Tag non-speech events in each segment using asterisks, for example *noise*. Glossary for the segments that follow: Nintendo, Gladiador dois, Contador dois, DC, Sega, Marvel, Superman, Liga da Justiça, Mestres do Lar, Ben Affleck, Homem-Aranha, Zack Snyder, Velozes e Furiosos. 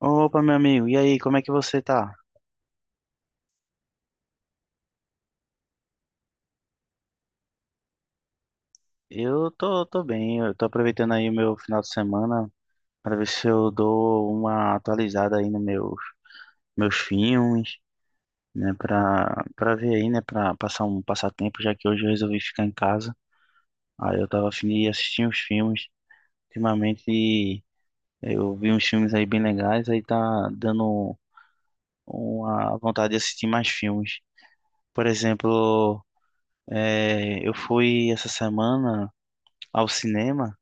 Opa, meu amigo, e aí, como é que você tá? Eu tô bem, eu tô aproveitando aí o meu final de semana para ver se eu dou uma atualizada aí nos meus filmes, né, pra ver aí, né, pra passar um passatempo, já que hoje eu resolvi ficar em casa. Aí eu tava afim de assistir uns filmes. Ultimamente eu vi uns filmes aí bem legais, aí tá dando uma vontade de assistir mais filmes. Por exemplo, eu fui essa semana ao cinema.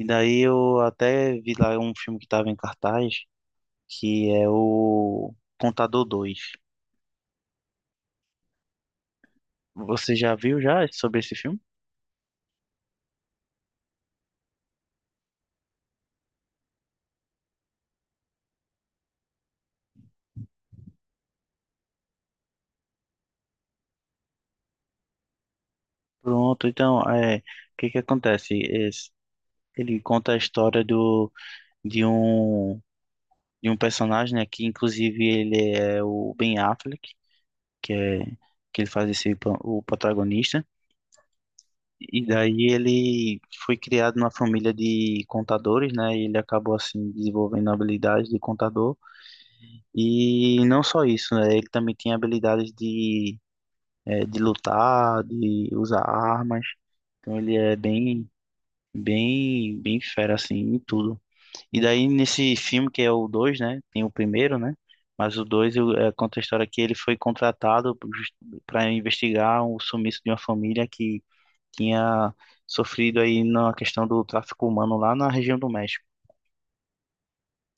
E daí eu até vi lá um filme que estava em cartaz, que é o Contador Dois. Você já viu já sobre esse filme? Pronto, então, é, o que acontece? Ele conta a história de um, de um personagem, né, que inclusive ele é o Ben Affleck, que é, que ele faz o protagonista. E daí ele foi criado numa família de contadores, né, e ele acabou, assim, desenvolvendo habilidades de contador. E não só isso, né? Ele também tinha habilidades de, de lutar, de usar armas. Então ele é bem fera, assim, em tudo. E daí nesse filme, que é o dois, né? Tem o primeiro, né? Mas o 2 conta a história que ele foi contratado para investigar o sumiço de uma família que tinha sofrido aí na questão do tráfico humano lá na região do México.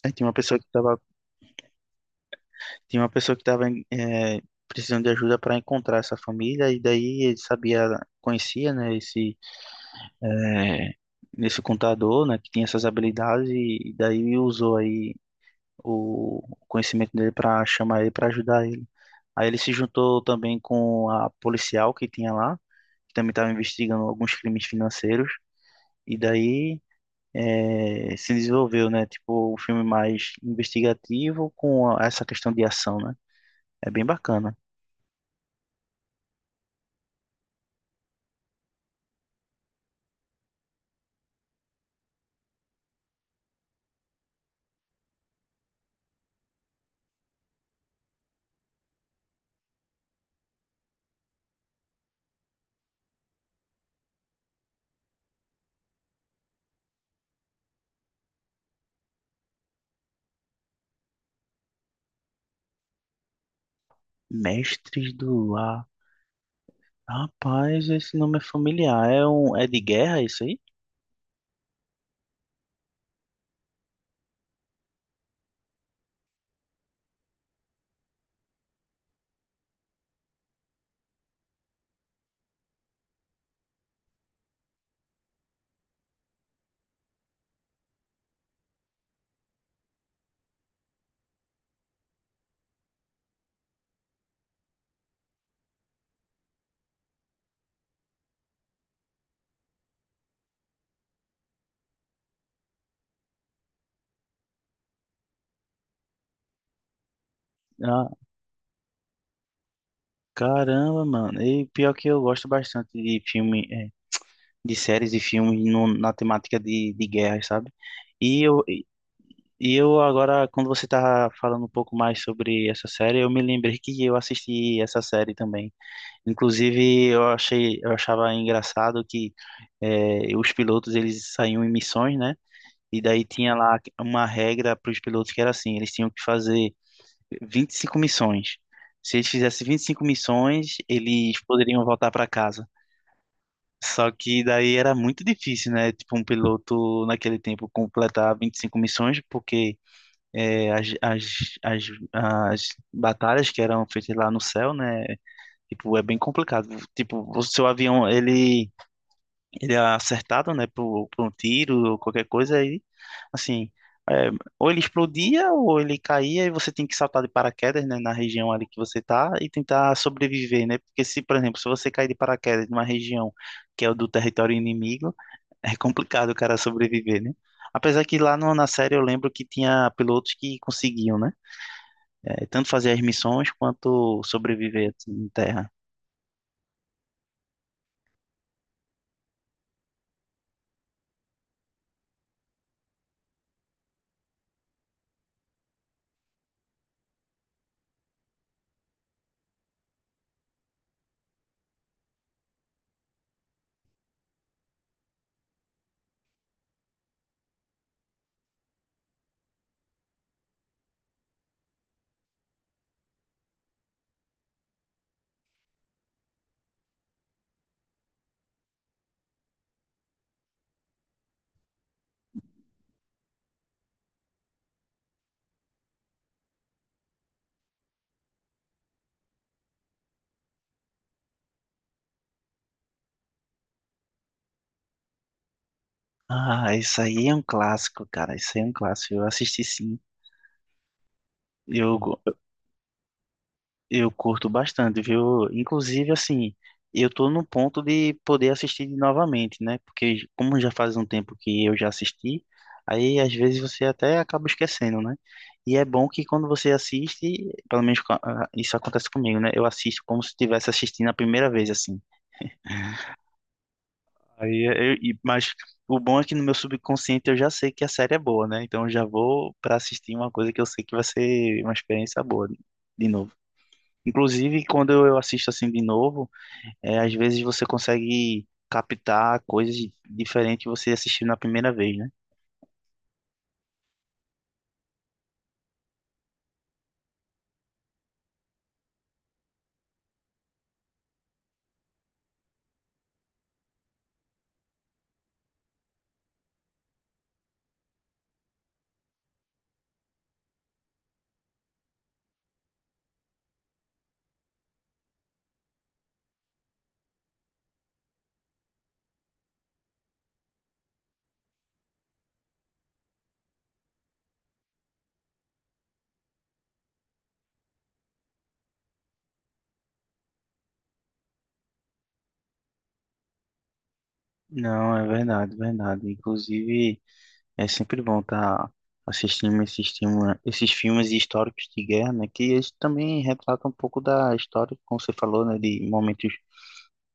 Aí tinha uma pessoa que estava Tinha uma pessoa que estava precisando de ajuda para encontrar essa família, e daí ele sabia, conhecia, né, é, esse contador, né, que tinha essas habilidades, e, daí usou aí o conhecimento dele para chamar ele, para ajudar ele. Aí ele se juntou também com a policial que tinha lá, que também estava investigando alguns crimes financeiros, e daí se desenvolveu, né? Tipo, um filme mais investigativo com essa questão de ação, né? É bem bacana. Mestres do Lar. Rapaz, esse nome é familiar. É um é de guerra isso aí? Ah, caramba, mano. E pior que eu gosto bastante de filme, é, de séries e filmes na temática de guerra, sabe? E eu e e eu agora quando você tá falando um pouco mais sobre essa série, eu me lembrei que eu assisti essa série também. Inclusive, eu achava engraçado que é, os pilotos eles saíam em missões, né? E daí tinha lá uma regra para os pilotos que era assim, eles tinham que fazer 25 missões. Se eles fizessem 25 missões, eles poderiam voltar para casa. Só que daí era muito difícil, né? Tipo, um piloto naquele tempo completar 25 missões, porque é, as, as batalhas que eram feitas lá no céu, né? Tipo, é bem complicado. Tipo, o seu avião, ele é acertado, né, por um tiro ou qualquer coisa aí, assim, é, ou ele explodia ou ele caía e você tem que saltar de paraquedas, né, na região ali que você tá e tentar sobreviver, né, porque se, por exemplo, se você cair de paraquedas numa região que é o do território inimigo, *laughs* é complicado o cara sobreviver, né. Apesar que lá na série eu lembro que tinha pilotos que conseguiam, né? É, tanto fazer as missões quanto sobreviver assim, em terra. Ah, isso aí é um clássico, cara. Isso aí é um clássico. Eu assisti sim. Eu, Eu curto bastante, viu? Inclusive, assim, eu tô no ponto de poder assistir novamente, né? Porque como já faz um tempo que eu já assisti, aí às vezes você até acaba esquecendo, né? E é bom que quando você assiste, pelo menos ah, isso acontece comigo, né? Eu assisto como se estivesse assistindo a primeira vez, assim. Aí, mas o bom é que no meu subconsciente eu já sei que a série é boa, né? Então eu já vou para assistir uma coisa que eu sei que vai ser uma experiência boa de novo. Inclusive, quando eu assisto assim de novo, é, às vezes você consegue captar coisas diferentes que você assistiu na primeira vez, né? Não, é verdade, verdade. Inclusive, é sempre bom estar assistindo esses filmes históricos de guerra, né? Que eles também retratam um pouco da história, como você falou, né? De momentos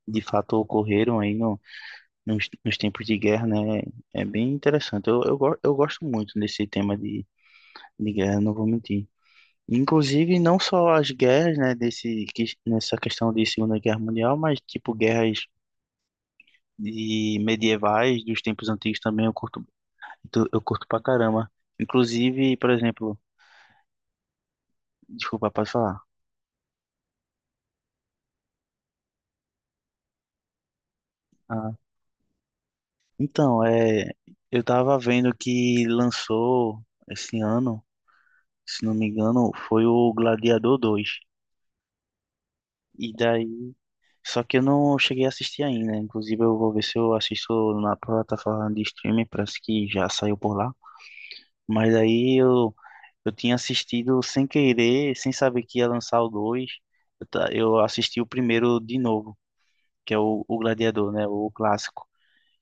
de fato ocorreram aí no, nos, nos tempos de guerra, né? É bem interessante. Eu gosto muito desse tema de guerra, não vou mentir. Inclusive, não só as guerras, né, nessa questão de Segunda Guerra Mundial, mas tipo guerras de medievais dos tempos antigos também eu curto, eu curto pra caramba. Inclusive, por exemplo, desculpa, pode falar. Ah, então, é, eu tava vendo que lançou esse ano, se não me engano, foi o Gladiador Dois. E daí, só que eu não cheguei a assistir ainda. Inclusive, eu vou ver se eu assisto na plataforma de streaming, parece que já saiu por lá. Mas eu tinha assistido sem querer, sem saber que ia lançar o dois. Eu assisti o primeiro de novo, que é o Gladiador, né? O clássico.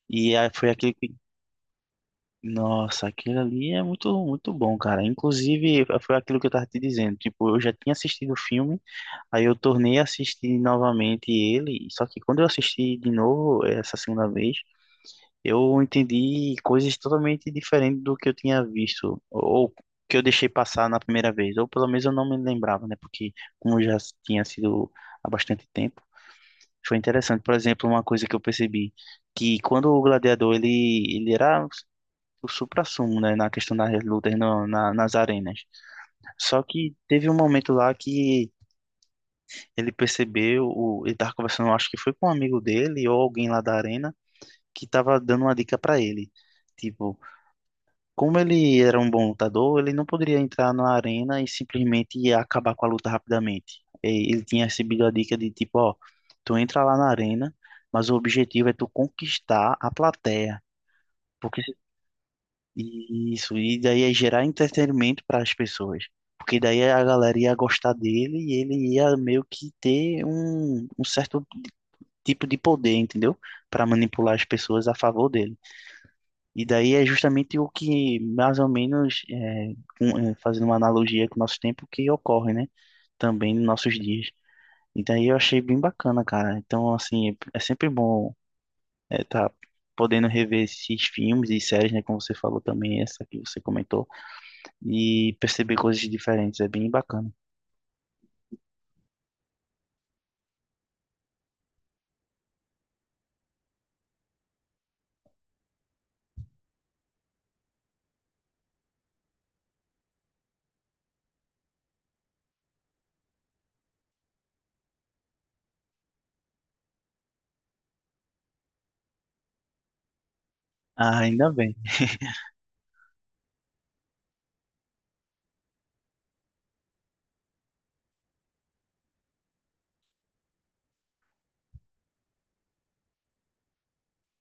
E aí foi aquele que. Nossa, aquilo ali é muito, muito bom, cara. Inclusive, foi aquilo que eu tava te dizendo. Tipo, eu já tinha assistido o filme, aí eu tornei a assistir novamente ele. Só que quando eu assisti de novo, essa segunda vez, eu entendi coisas totalmente diferentes do que eu tinha visto, ou que eu deixei passar na primeira vez, ou pelo menos eu não me lembrava, né? Porque como já tinha sido há bastante tempo, foi interessante. Por exemplo, uma coisa que eu percebi, que quando o gladiador, ele era o suprassumo, né? Na questão das lutas no, na, nas arenas. Só que teve um momento lá que ele percebeu, ele tava conversando, acho que foi com um amigo dele ou alguém lá da arena, que tava dando uma dica para ele. Tipo, como ele era um bom lutador, ele não poderia entrar na arena e simplesmente acabar com a luta rapidamente. E ele tinha recebido a dica de tipo, ó, tu entra lá na arena, mas o objetivo é tu conquistar a plateia, porque se- e isso e daí é gerar entretenimento para as pessoas, porque daí a galera ia gostar dele e ele ia meio que ter um certo tipo de poder, entendeu? Para manipular as pessoas a favor dele. E daí é justamente o que, mais ou menos, é, fazendo uma analogia com o nosso tempo, que ocorre, né? Também nos nossos dias. E daí eu achei bem bacana, cara. Então, assim, é sempre bom tá podendo rever esses filmes e séries, né? Como você falou também, essa que você comentou, e perceber coisas diferentes. É bem bacana. Ah, ainda bem.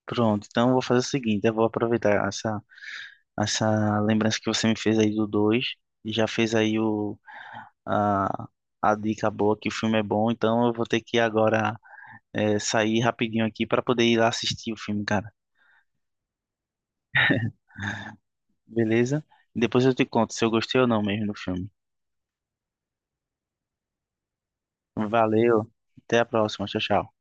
Pronto, então eu vou fazer o seguinte, eu vou aproveitar essa lembrança que você me fez aí do dois e já fez aí o a, a dica boa que o filme é bom, então eu vou ter que agora sair rapidinho aqui para poder ir lá assistir o filme, cara. Beleza? Depois eu te conto se eu gostei ou não mesmo do filme. Valeu, até a próxima, tchau, tchau.